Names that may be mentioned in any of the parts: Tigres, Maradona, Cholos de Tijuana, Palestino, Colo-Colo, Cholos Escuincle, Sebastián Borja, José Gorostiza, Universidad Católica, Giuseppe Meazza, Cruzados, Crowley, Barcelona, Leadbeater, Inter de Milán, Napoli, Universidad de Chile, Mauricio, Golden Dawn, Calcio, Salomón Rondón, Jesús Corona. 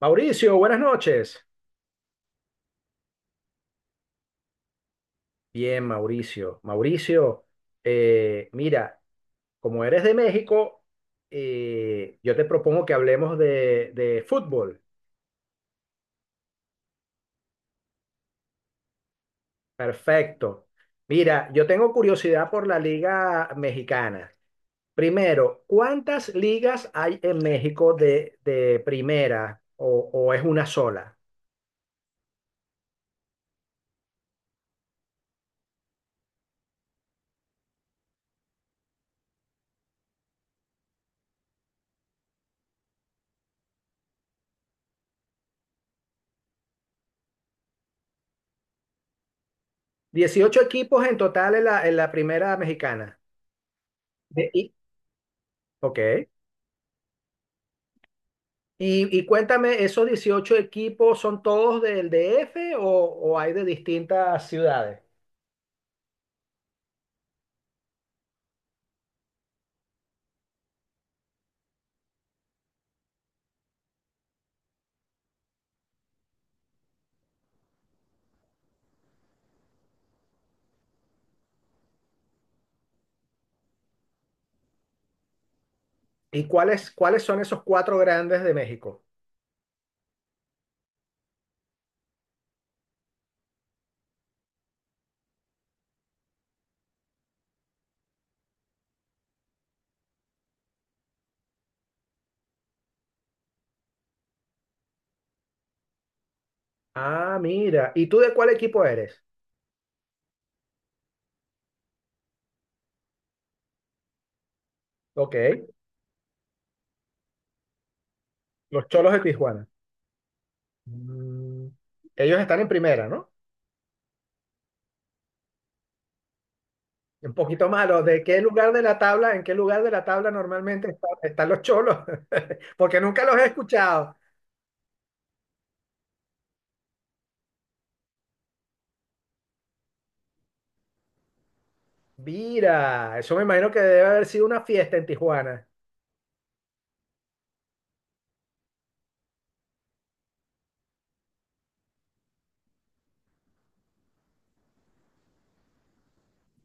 Mauricio, buenas noches. Bien, Mauricio. Mauricio, mira, como eres de México, yo te propongo que hablemos de fútbol. Perfecto. Mira, yo tengo curiosidad por la liga mexicana. Primero, ¿cuántas ligas hay en México de primera o es una sola? 18 equipos en total en la primera mexicana. De- y- ok. Y cuéntame, ¿esos 18 equipos son todos del DF o hay de distintas ciudades? ¿Y cuáles son esos cuatro grandes de México? Ah, mira. ¿Y tú de cuál equipo eres? Ok, los Cholos de Tijuana. Mm, Ellos están en primera, ¿no? Un poquito malo. ¿De qué lugar de la tabla, en qué lugar de la tabla normalmente están los Cholos? Porque nunca los he escuchado. Mira, eso me imagino que debe haber sido una fiesta en Tijuana.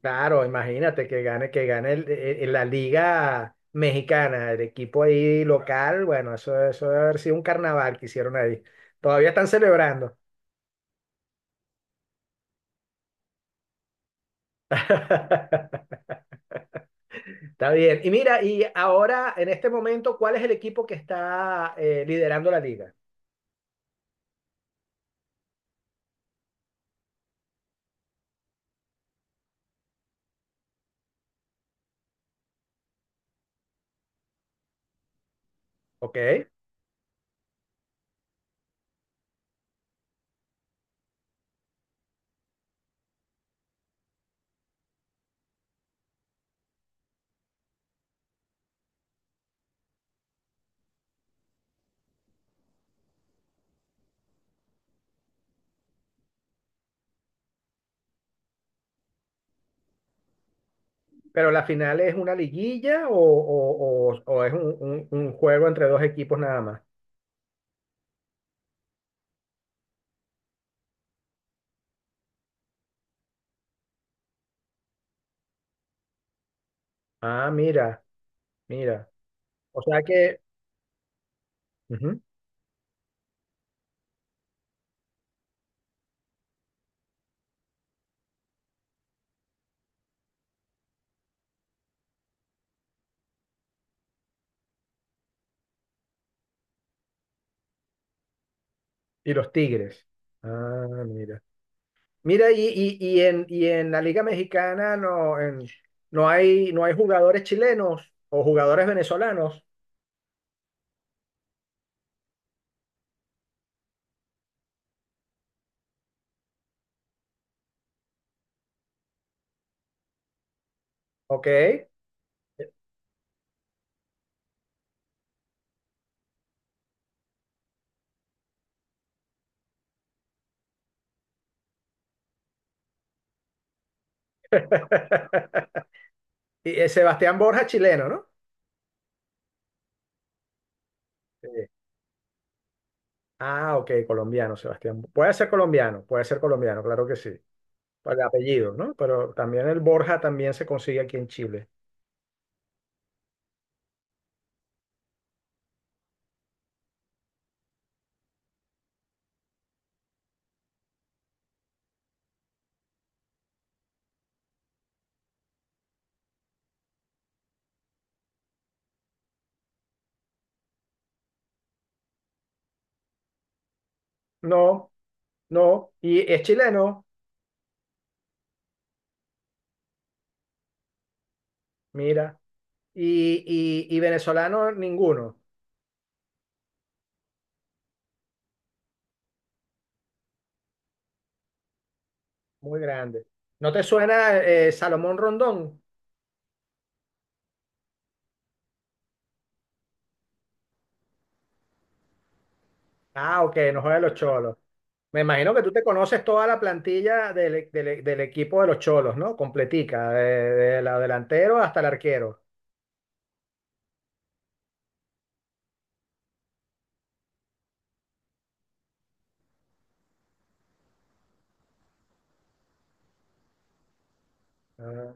Claro, imagínate que gane la liga mexicana, el equipo ahí local, bueno, eso debe haber sido un carnaval que hicieron ahí. Todavía están celebrando. Está bien. Y mira, y ahora, en este momento, ¿cuál es el equipo que está liderando la liga? ¿Ok? ¿Pero la final es una liguilla o es un juego entre dos equipos nada más? Ah, mira, mira. O sea que. Ujú. Y los Tigres. Ah, mira. Mira, y en la Liga Mexicana no, no hay jugadores chilenos o jugadores venezolanos, ¿ok? Y, Sebastián Borja, chileno, ¿no? Sí. Ah, ok, colombiano, Sebastián. Puede ser colombiano, claro que sí. Por el apellido, ¿no? Pero también el Borja también se consigue aquí en Chile. No, no. Y es chileno, mira. Y venezolano, ninguno. Muy grande. ¿No te suena Salomón Rondón? Ah, ok, no juegan los cholos. Me imagino que tú te conoces toda la plantilla del equipo de los cholos, ¿no? Completica, de la delantero hasta el arquero. Ah,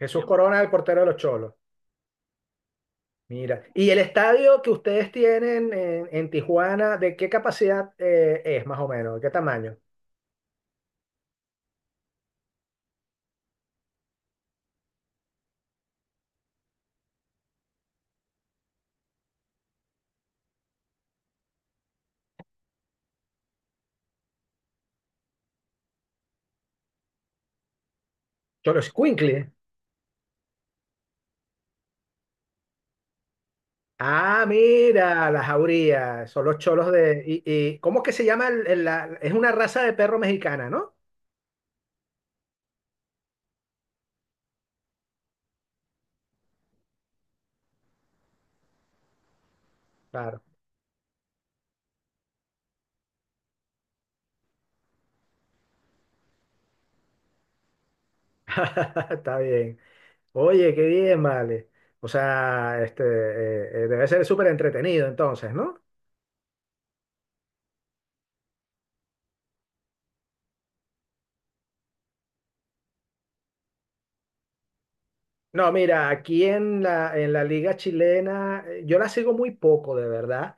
Jesús Corona es el portero de los cholos. Mira. ¿Y el estadio que ustedes tienen en Tijuana, de qué capacidad es más o menos? ¿De qué tamaño? Cholos Escuincle. Ah, mira, las jaurías, son los cholos de. ¿Cómo es que se llama? Es una raza de perro mexicana, ¿no? Claro. Está bien. Oye, qué bien, vale. O sea, este, debe ser súper entretenido entonces, ¿no? No, mira, aquí en la liga chilena, yo la sigo muy poco, de verdad,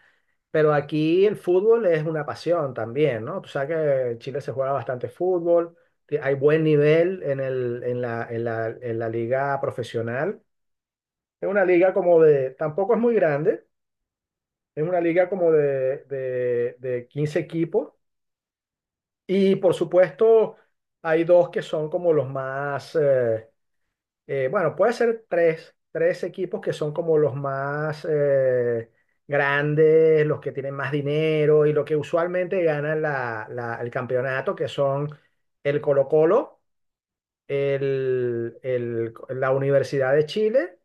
pero aquí el fútbol es una pasión también, ¿no? Tú sabes que en Chile se juega bastante fútbol, que hay buen nivel en el, en la, en la, en la liga profesional. Es una liga tampoco es muy grande, es una liga como de 15 equipos. Y por supuesto, hay dos que son como los más, bueno, puede ser tres equipos que son como los más grandes, los que tienen más dinero y lo que usualmente ganan el campeonato, que son el Colo-Colo, la Universidad de Chile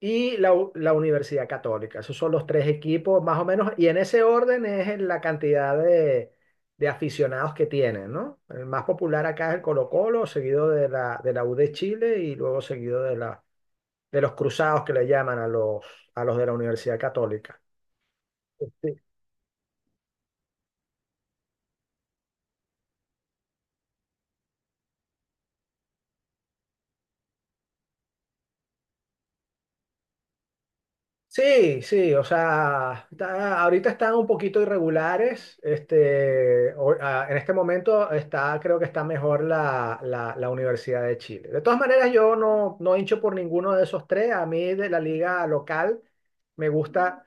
y la Universidad Católica. Esos son los tres equipos más o menos, y en ese orden es en la cantidad de aficionados que tienen, ¿no? El más popular acá es el Colo-Colo, seguido de la U de Chile y luego seguido de los Cruzados que le llaman a los, de la Universidad Católica. Sí, sí, o sea, ahorita están un poquito irregulares. Este, en este momento creo que está mejor la Universidad de Chile. De todas maneras, yo no hincho por ninguno de esos tres. A mí de la liga local me gusta,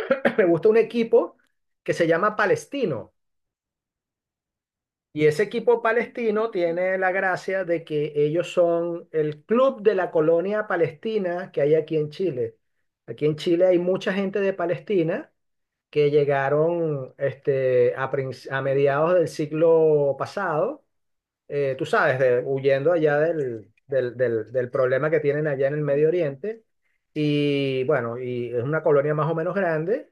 me gusta un equipo que se llama Palestino. Y ese equipo palestino tiene la gracia de que ellos son el club de la colonia palestina que hay aquí en Chile. Aquí en Chile hay mucha gente de Palestina que llegaron este, a mediados del siglo pasado, tú sabes, huyendo allá del problema que tienen allá en el Medio Oriente. Y bueno, y es una colonia más o menos grande.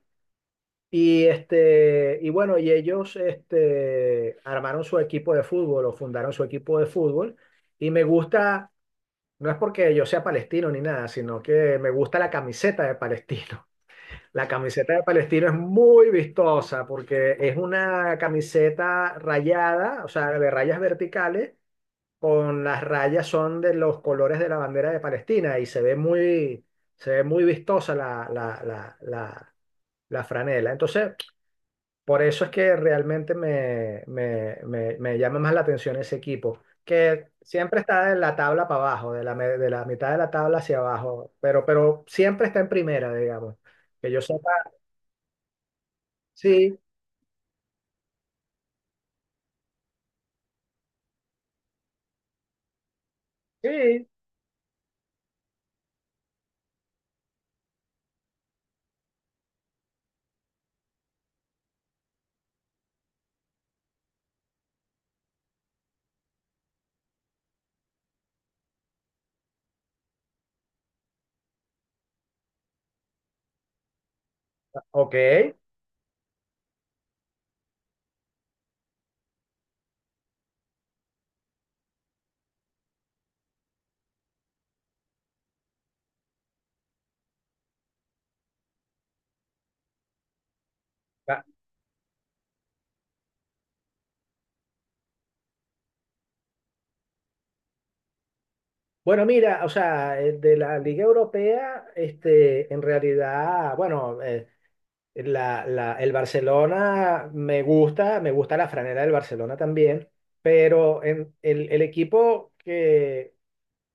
Y, este, y bueno, y ellos este, armaron su equipo de fútbol o fundaron su equipo de fútbol. Y me gusta, no es porque yo sea palestino ni nada, sino que me gusta la camiseta de palestino. La camiseta de Palestino es muy vistosa porque es una camiseta rayada, o sea, de rayas verticales, con las rayas son de los colores de la bandera de Palestina y se ve muy vistosa la franela. Entonces, por eso es que realmente me llama más la atención ese equipo, que siempre está de la tabla para abajo, de la mitad de la tabla hacia abajo, pero siempre está en primera, digamos. Que yo sepa, sí, sí, ok. Ah, bueno, mira, o sea, de la Liga Europea, este, en realidad, bueno, el Barcelona me gusta, la franela del Barcelona también, pero el equipo que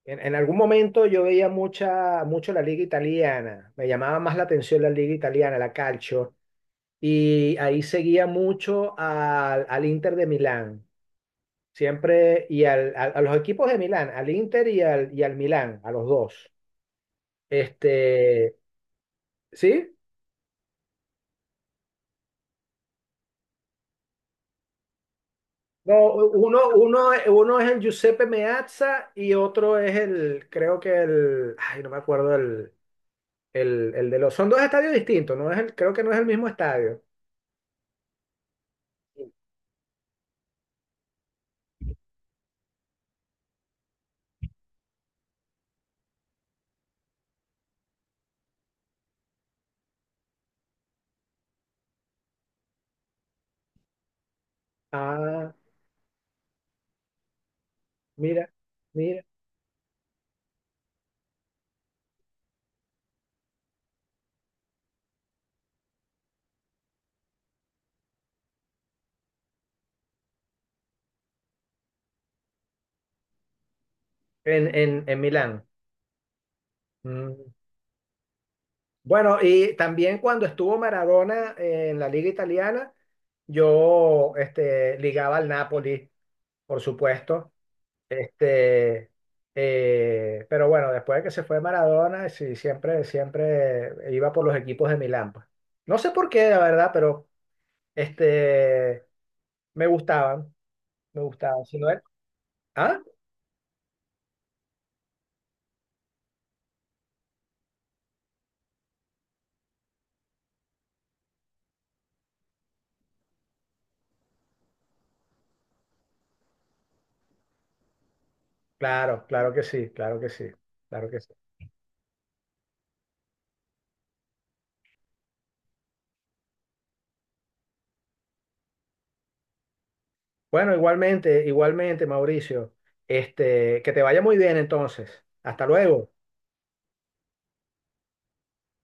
en algún momento yo veía mucho la Liga Italiana, me llamaba más la atención la Liga Italiana, la Calcio, y ahí seguía mucho al Inter de Milán. Siempre, y a los equipos de Milán, al Inter y al Milán, a los dos. Este, ¿sí? No, uno es el Giuseppe Meazza y otro es creo que no me acuerdo el de los, son dos estadios distintos, no es el, creo que no es el mismo estadio. Ah, mira, mira, en Milán. Mm. Bueno, y también cuando estuvo Maradona en la liga italiana, yo este, ligaba al Napoli. Por supuesto. Este, pero bueno, después de que se fue Maradona, sí, siempre, siempre iba por los equipos de Milán. Pues. No sé por qué, la verdad, pero este, me gustaban, me gustaban. Si no es- ah, claro, que sí, claro que sí, claro que sí. Bueno, igualmente, igualmente, Mauricio, este, que te vaya muy bien entonces. Hasta luego.